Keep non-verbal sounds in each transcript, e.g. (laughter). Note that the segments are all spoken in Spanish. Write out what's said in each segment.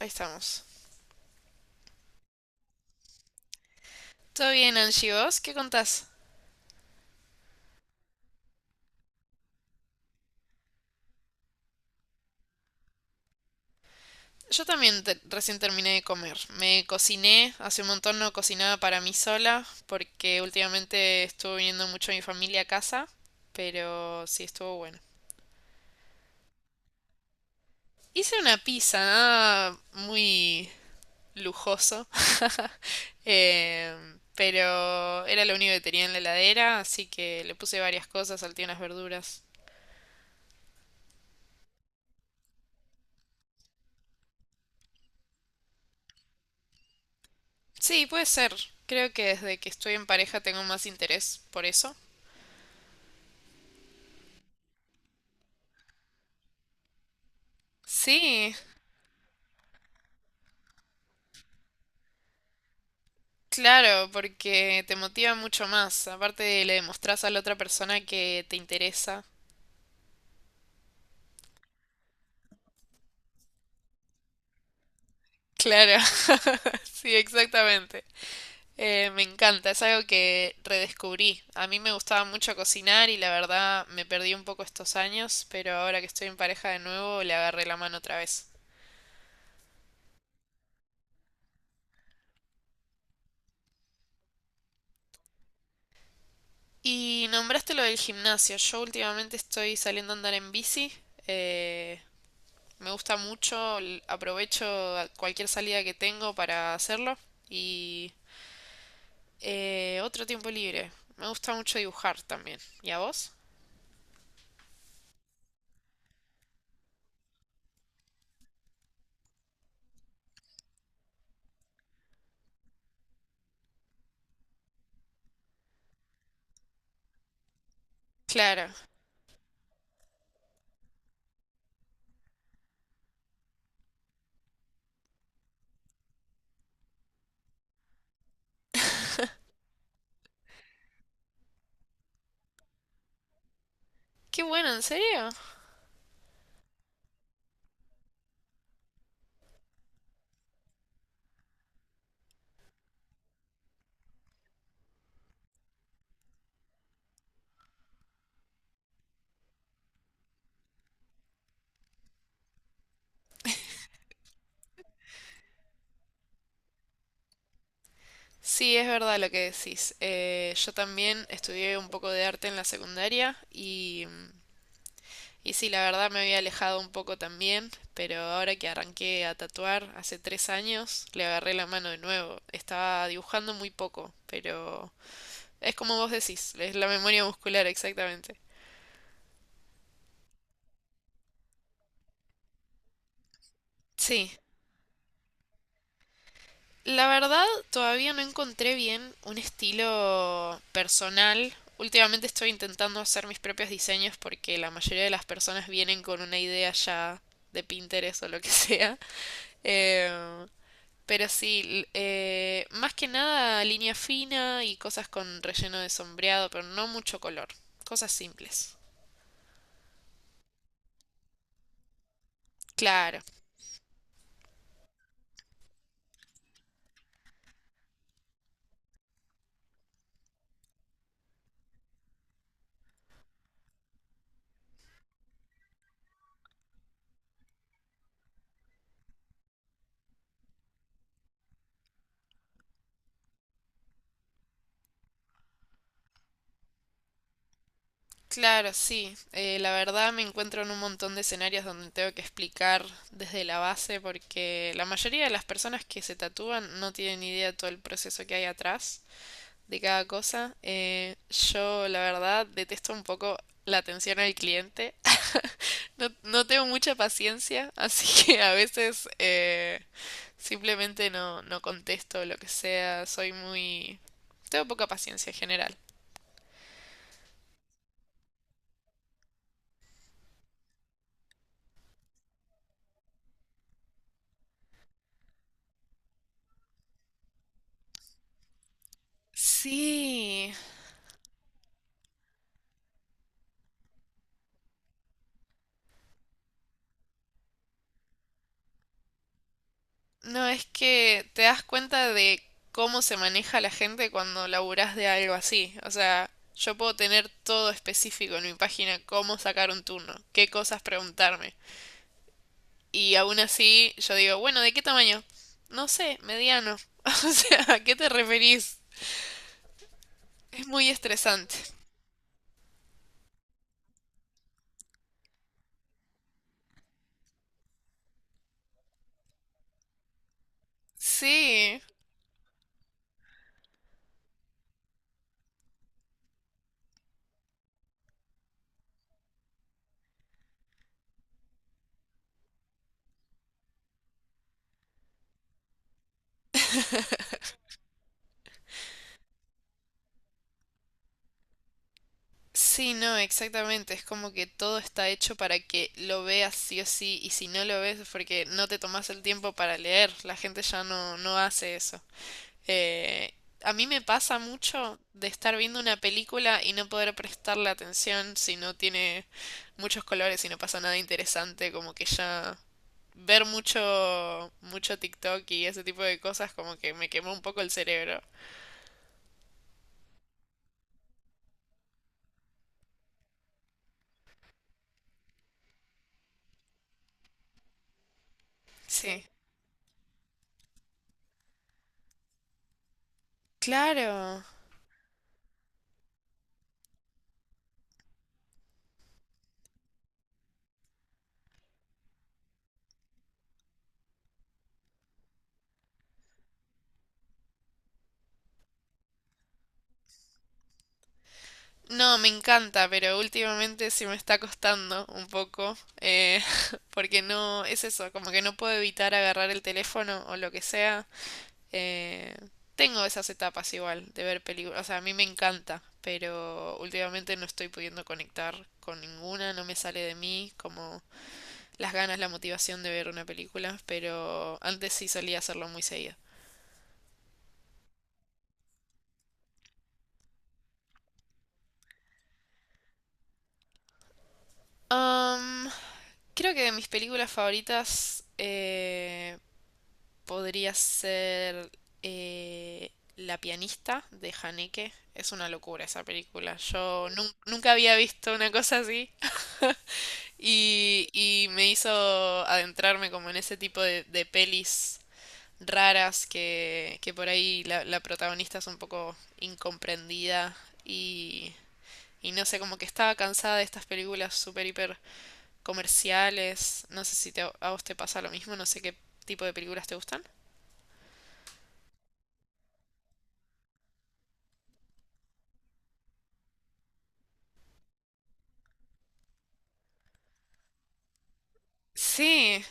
Ahí estamos. ¿Todo bien, Angie? ¿Vos qué contás? Yo también recién terminé de comer. Me cociné, hace un montón no cocinaba para mí sola, porque últimamente estuvo viniendo mucho mi familia a casa, pero sí estuvo bueno. Hice una pizza, nada muy lujoso, (laughs) pero era lo único que tenía en la heladera, así que le puse varias cosas, salteé unas verduras. Sí, puede ser. Creo que desde que estoy en pareja tengo más interés por eso. Sí. Claro, porque te motiva mucho más. Aparte, le demostrás a la otra persona que te interesa. Claro. (laughs) Sí, exactamente. Me encanta, es algo que redescubrí. A mí me gustaba mucho cocinar y la verdad me perdí un poco estos años, pero ahora que estoy en pareja de nuevo le agarré la mano otra vez. Y nombraste lo del gimnasio. Yo últimamente estoy saliendo a andar en bici. eh, Me gusta mucho, aprovecho cualquier salida que tengo para hacerlo. Otro tiempo libre. Me gusta mucho dibujar también. ¿Y a vos? Claro. (laughs) Qué bueno, ¿en serio? Sí, es verdad lo que decís. Yo también estudié un poco de arte en la secundaria y sí, la verdad me había alejado un poco también, pero ahora que arranqué a tatuar hace tres años, le agarré la mano de nuevo. Estaba dibujando muy poco, pero es como vos decís, es la memoria muscular exactamente. Sí. La verdad, todavía no encontré bien un estilo personal. Últimamente estoy intentando hacer mis propios diseños porque la mayoría de las personas vienen con una idea ya de Pinterest o lo que (laughs) sea. Eh, pero sí, más que nada línea fina y cosas con relleno de sombreado, pero no mucho color. Cosas simples. Claro. Claro, sí. La verdad me encuentro en un montón de escenarios donde tengo que explicar desde la base porque la mayoría de las personas que se tatúan no tienen ni idea de todo el proceso que hay atrás de cada cosa. Yo, la verdad, detesto un poco la atención al cliente. (laughs) No, no tengo mucha paciencia, (laughs) así que a veces simplemente no, no contesto lo que sea. Soy muy... Tengo poca paciencia en general. Sí. No, es que te das cuenta de cómo se maneja la gente cuando laburás de algo así. O sea, yo puedo tener todo específico en mi página, cómo sacar un turno, qué cosas preguntarme. Y aún así yo digo, bueno, ¿de qué tamaño? No sé, mediano. (laughs) O sea, ¿a qué te referís? Es muy estresante. Sí. (laughs) Sí, no, exactamente. Es como que todo está hecho para que lo veas sí o sí, y si no lo ves es porque no te tomas el tiempo para leer. La gente ya no, no hace eso. Eh, a mí me pasa mucho de estar viendo una película y no poder prestarle atención si no tiene muchos colores y no pasa nada interesante, como que ya ver mucho, mucho TikTok y ese tipo de cosas como que me quemó un poco el cerebro. Sí. Claro. No, me encanta, pero últimamente sí me está costando un poco, (laughs) porque no, es eso, como que no puedo evitar agarrar el teléfono o lo que sea. eh, Tengo esas etapas igual de ver películas, o sea, a mí me encanta, pero últimamente no estoy pudiendo conectar con ninguna, no me sale de mí como las ganas, la motivación de ver una película, pero antes sí solía hacerlo muy seguido. Am, Creo que de mis películas favoritas, podría ser eh, La pianista de Haneke. Es una locura esa película. Yo nunca había visto una cosa así y me hizo adentrarme como en ese tipo de pelis raras que por ahí la, la protagonista es un poco incomprendida y, y no sé, como que estaba cansada de estas películas super hiper comerciales. No sé si a vos te pasa lo mismo, no sé qué tipo de películas te gustan. Sí,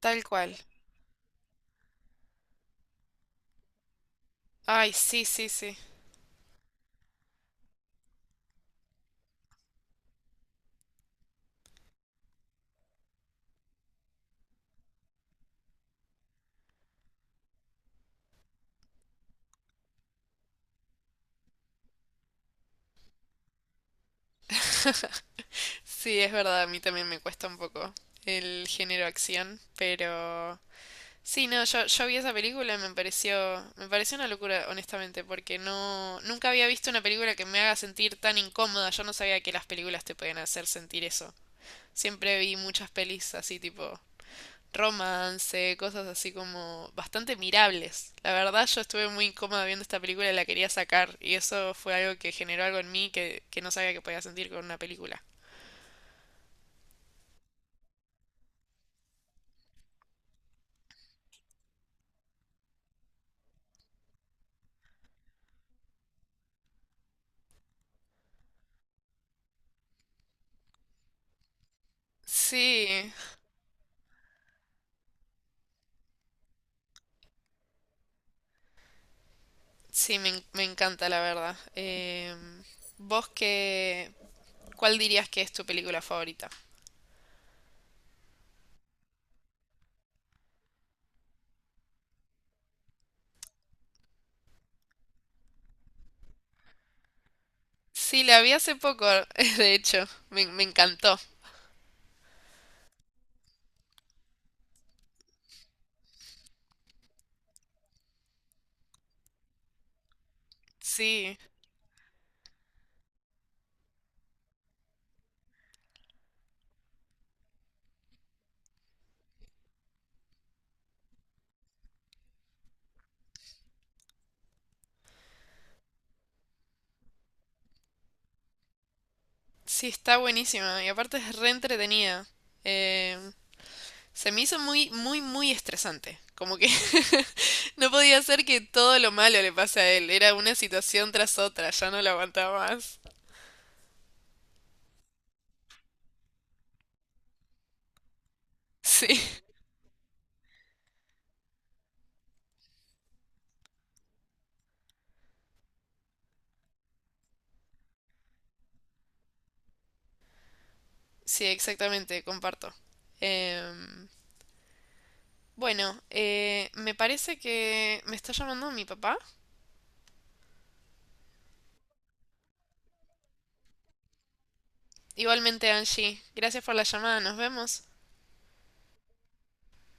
tal cual. Ay, sí, sí, sí. Sí, es verdad, a mí también me cuesta un poco el género acción, pero sí, no, yo vi esa película y me pareció una locura, honestamente, porque no, nunca había visto una película que me haga sentir tan incómoda. Yo no sabía que las películas te podían hacer sentir eso. Siempre vi muchas pelis así tipo romance, cosas así como bastante mirables. La verdad, yo estuve muy incómoda viendo esta película y la quería sacar, y eso fue algo que generó algo en mí que no sabía que podía sentir con una película. Sí, sí, me encanta la verdad. ¿Vos qué, cuál dirías que es tu película favorita? Sí, la vi hace poco, (laughs) de hecho, me encantó. Sí, sí, está buenísima y aparte es re entretenida. Em, se me hizo muy, muy, muy estresante. Como que (laughs) no podía ser que todo lo malo le pase a él. Era una situación tras otra, ya no la aguantaba más. (laughs) Sí, sí, exactamente, comparto. Em, Bueno, me parece que me está llamando mi papá. Igualmente, Angie, gracias por la llamada, nos vemos.